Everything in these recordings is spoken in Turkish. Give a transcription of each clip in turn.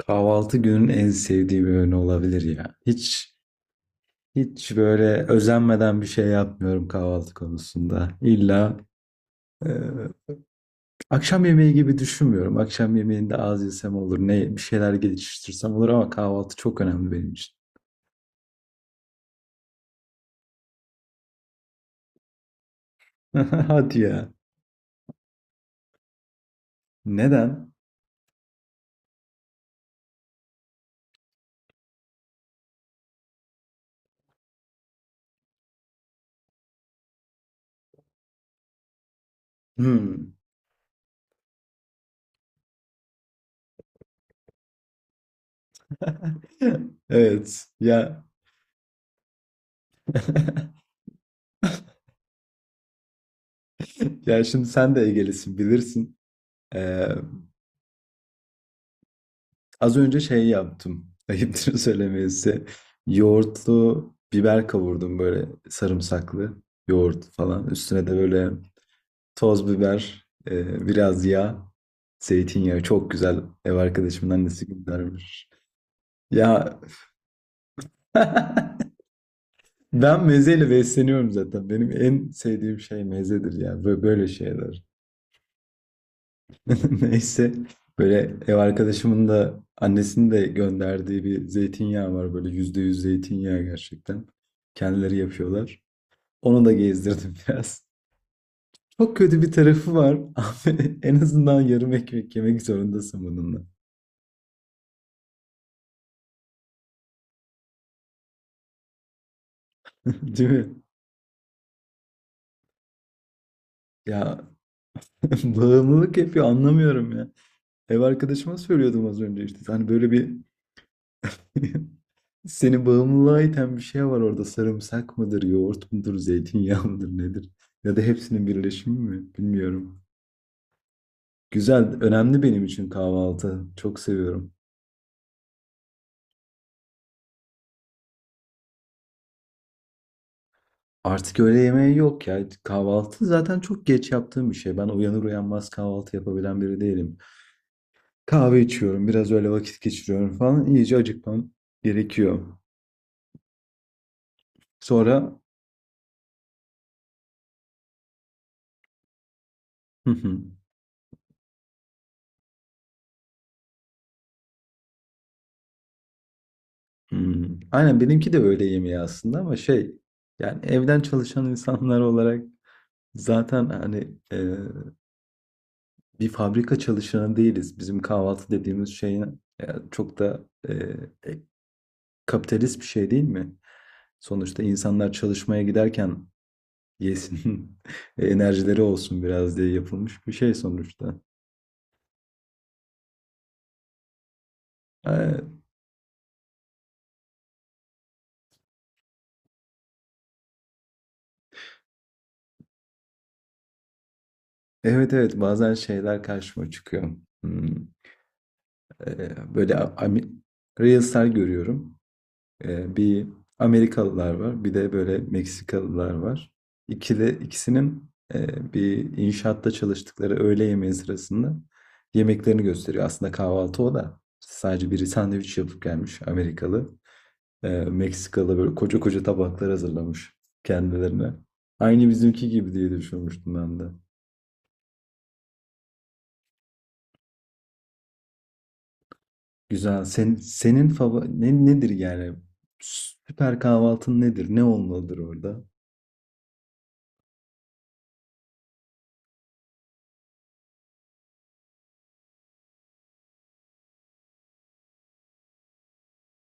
Kahvaltı günün en sevdiği bir öğün olabilir ya. Hiç böyle özenmeden bir şey yapmıyorum kahvaltı konusunda. İlla e, akşam yemeği gibi düşünmüyorum. Akşam yemeğinde az yesem olur, ne bir şeyler geliştirsem olur ama kahvaltı çok önemli benim için. Hadi ya. Neden? Hmm. Evet. Ya ya şimdi sen de Ege'lisin bilirsin. Ee, Az önce şey yaptım. Ayıptır söylemesi. Yoğurtlu biber kavurdum böyle sarımsaklı yoğurt falan. Üstüne de böyle toz biber, biraz yağ, zeytinyağı. Çok güzel ev arkadaşımın annesi göndermiş. Ya ben mezeyle besleniyorum zaten. Benim en sevdiğim şey mezedir ya. Böyle şeyler. Neyse böyle ev arkadaşımın da annesinin de gönderdiği bir zeytinyağı var, böyle %100 zeytinyağı gerçekten. Kendileri yapıyorlar. Onu da gezdirdim biraz. Çok kötü bir tarafı var. Abi, en azından yarım ekmek yemek zorundasın bununla. Değil mi? Ya bağımlılık yapıyor, anlamıyorum ya. Ev arkadaşıma söylüyordum az önce işte. Hani böyle bir... Seni bağımlılığa iten bir şey var orada. Sarımsak mıdır, yoğurt mudur, zeytinyağı mıdır nedir? Ya da hepsinin birleşimi mi? Bilmiyorum. Güzel, önemli benim için kahvaltı. Çok seviyorum. Artık öğle yemeği yok ya. Kahvaltı zaten çok geç yaptığım bir şey. Ben uyanır uyanmaz kahvaltı yapabilen biri değilim. Kahve içiyorum, biraz öyle vakit geçiriyorum falan. İyice acıkmam gerekiyor. Sonra... Hı hı. Hmm. Aynen benimki de öğle yemeği aslında ama şey... Yani evden çalışan insanlar olarak zaten hani bir fabrika çalışanı değiliz. Bizim kahvaltı dediğimiz şey çok da e, kapitalist bir şey değil mi? Sonuçta insanlar çalışmaya giderken yesin, enerjileri olsun biraz diye yapılmış bir şey sonuçta. E, evet evet, bazen şeyler karşıma çıkıyor. Hmm, böyle Reels'ler görüyorum. Bir Amerikalılar var, bir de böyle Meksikalılar var. İkili, ikisinin bir inşaatta çalıştıkları öğle yemeği sırasında yemeklerini gösteriyor. Aslında kahvaltı o da. Sadece biri sandviç yapıp gelmiş Amerikalı. Meksikalı böyle koca koca tabaklar hazırlamış kendilerine. Aynı bizimki gibi diye düşünmüştüm ben de. Güzel. Senin favori nedir yani? Süper kahvaltın nedir? Ne olmalıdır orada?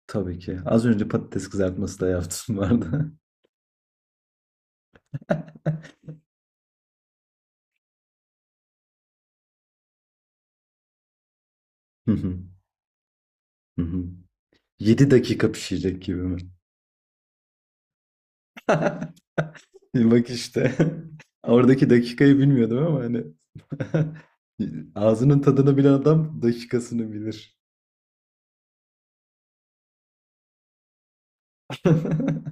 Tabii ki. Az önce patates kızartması da yaptım, vardı. Hı hı. Hı hı. 7 dakika pişecek gibi mi? Bak işte. Oradaki dakikayı bilmiyordum ama hani ağzının tadını bilen adam dakikasını bilir.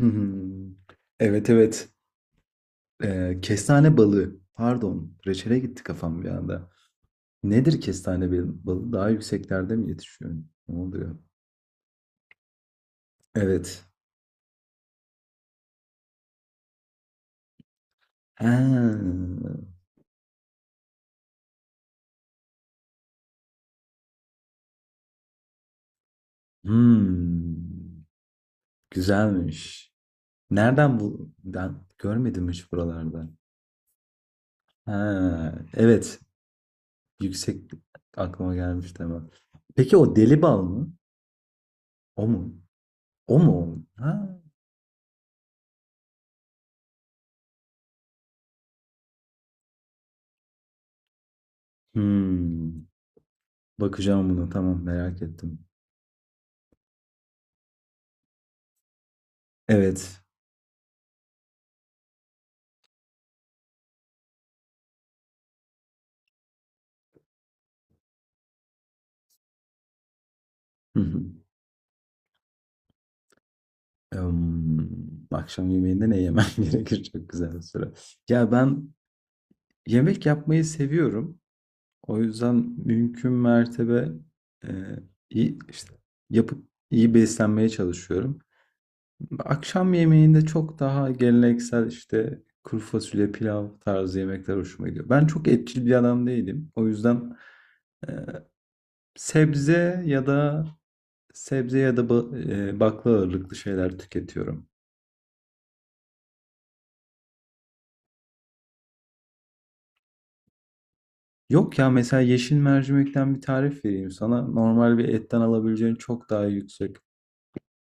Hı hı. Evet evet. Kestane balığı. Pardon. Reçele gitti kafam bir anda. Nedir kestane balığı? Daha yükseklerde mi yetişiyor? Ne oluyor? Evet. Ha. Hmm, Güzelmiş. Nereden bu, ben görmedim hiç buralarda. Ha, evet. Yüksek, aklıma gelmiş, tamam. Peki o deli bal mı? O mu? O mu o? Ha. Hmm. Bakacağım buna. Tamam, merak ettim. Evet. Hı hı. Emm, akşam yemeğinde ne yemem gerekir? Çok güzel bir soru. Ya ben yemek yapmayı seviyorum. O yüzden mümkün mertebe e, iyi işte yapıp iyi beslenmeye çalışıyorum. Akşam yemeğinde çok daha geleneksel işte kuru fasulye, pilav tarzı yemekler hoşuma gidiyor. Ben çok etçil bir adam değilim. O yüzden e, sebze ya da sebze ya da bakla ağırlıklı şeyler tüketiyorum. Yok ya, mesela yeşil mercimekten bir tarif vereyim sana. Normal bir etten alabileceğin çok daha yüksek...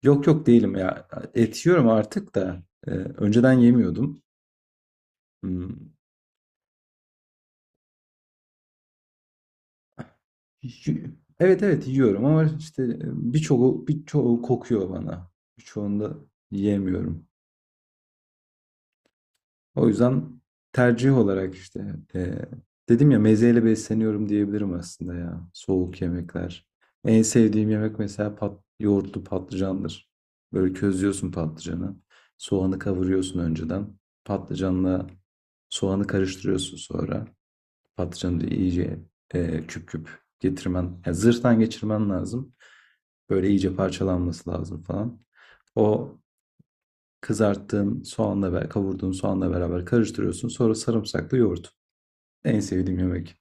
Yok yok, değilim ya. Et yiyorum artık da. Önceden yemiyordum. Hmm. Y- Evet evet yiyorum ama işte birçoğu kokuyor bana. Birçoğunda yiyemiyorum. O yüzden tercih olarak işte dedim ya mezeyle besleniyorum diyebilirim aslında ya. Soğuk yemekler. En sevdiğim yemek mesela yoğurtlu patlıcandır. Böyle közlüyorsun patlıcanı. Soğanı kavuruyorsun önceden. Patlıcanla soğanı karıştırıyorsun sonra. Patlıcanı da iyice küp küp getirmen, yani zırhtan geçirmen lazım. Böyle iyice parçalanması lazım falan. O kızarttığın soğanla ve kavurduğun soğanla beraber karıştırıyorsun. Sonra sarımsaklı yoğurt. En sevdiğim yemek.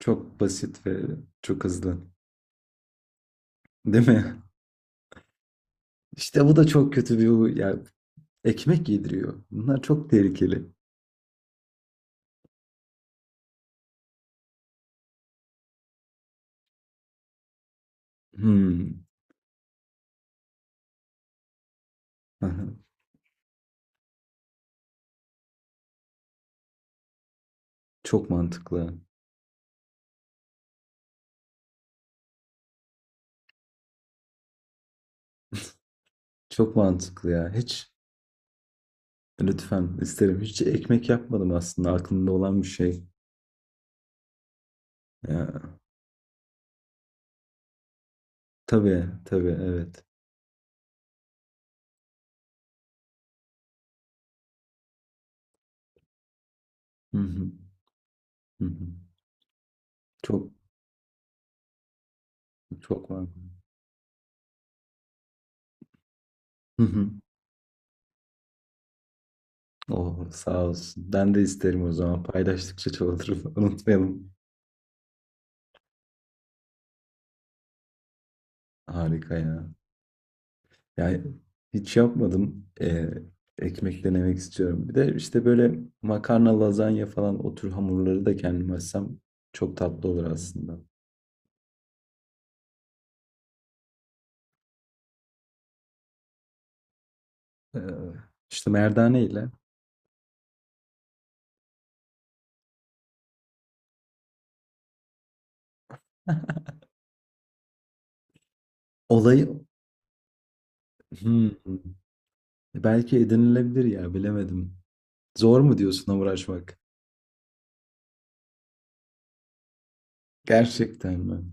Çok basit ve çok hızlı. Değil mi? İşte bu da çok kötü bir huy ya, ekmek yediriyor. Bunlar çok tehlikeli. Hmm. Çok mantıklı. Çok mantıklı ya. Hiç... Lütfen isterim. Hiç ekmek yapmadım, aslında aklımda olan bir şey. Ya, tabii tabii evet. Hı hı, hı hı. Çok çok var. Hı hı. Oh, sağ olsun. Ben de isterim o zaman. Paylaştıkça çoğalır. Unutmayalım. Harika ya. Yani hiç yapmadım. Ekmek denemek istiyorum. Bir de işte böyle makarna, lazanya falan, o tür hamurları da kendim açsam çok tatlı olur aslında. Ee, işte merdane ile. Olayı... Hmm. Belki edinilebilir ya, bilemedim. Zor mu diyorsun uğraşmak? Gerçekten mi?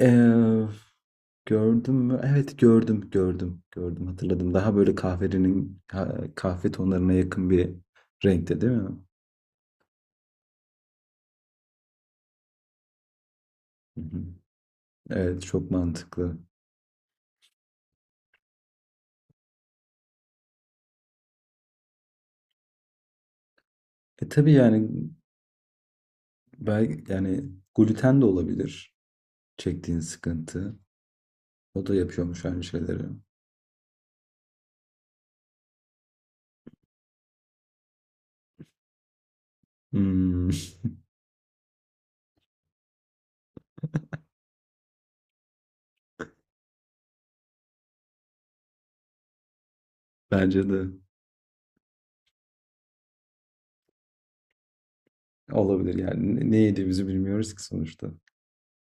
Ee, gördüm mü? Evet, gördüm gördüm gördüm, hatırladım. Daha böyle kahve tonlarına yakın bir renkte değil mi? Hı hı. Evet, çok mantıklı. Tabii yani, belki yani gluten de olabilir çektiğin sıkıntı. O da yapıyormuş aynı şeyleri. Hmm, bence de olabilir yani, ne yediğimizi bilmiyoruz ki sonuçta.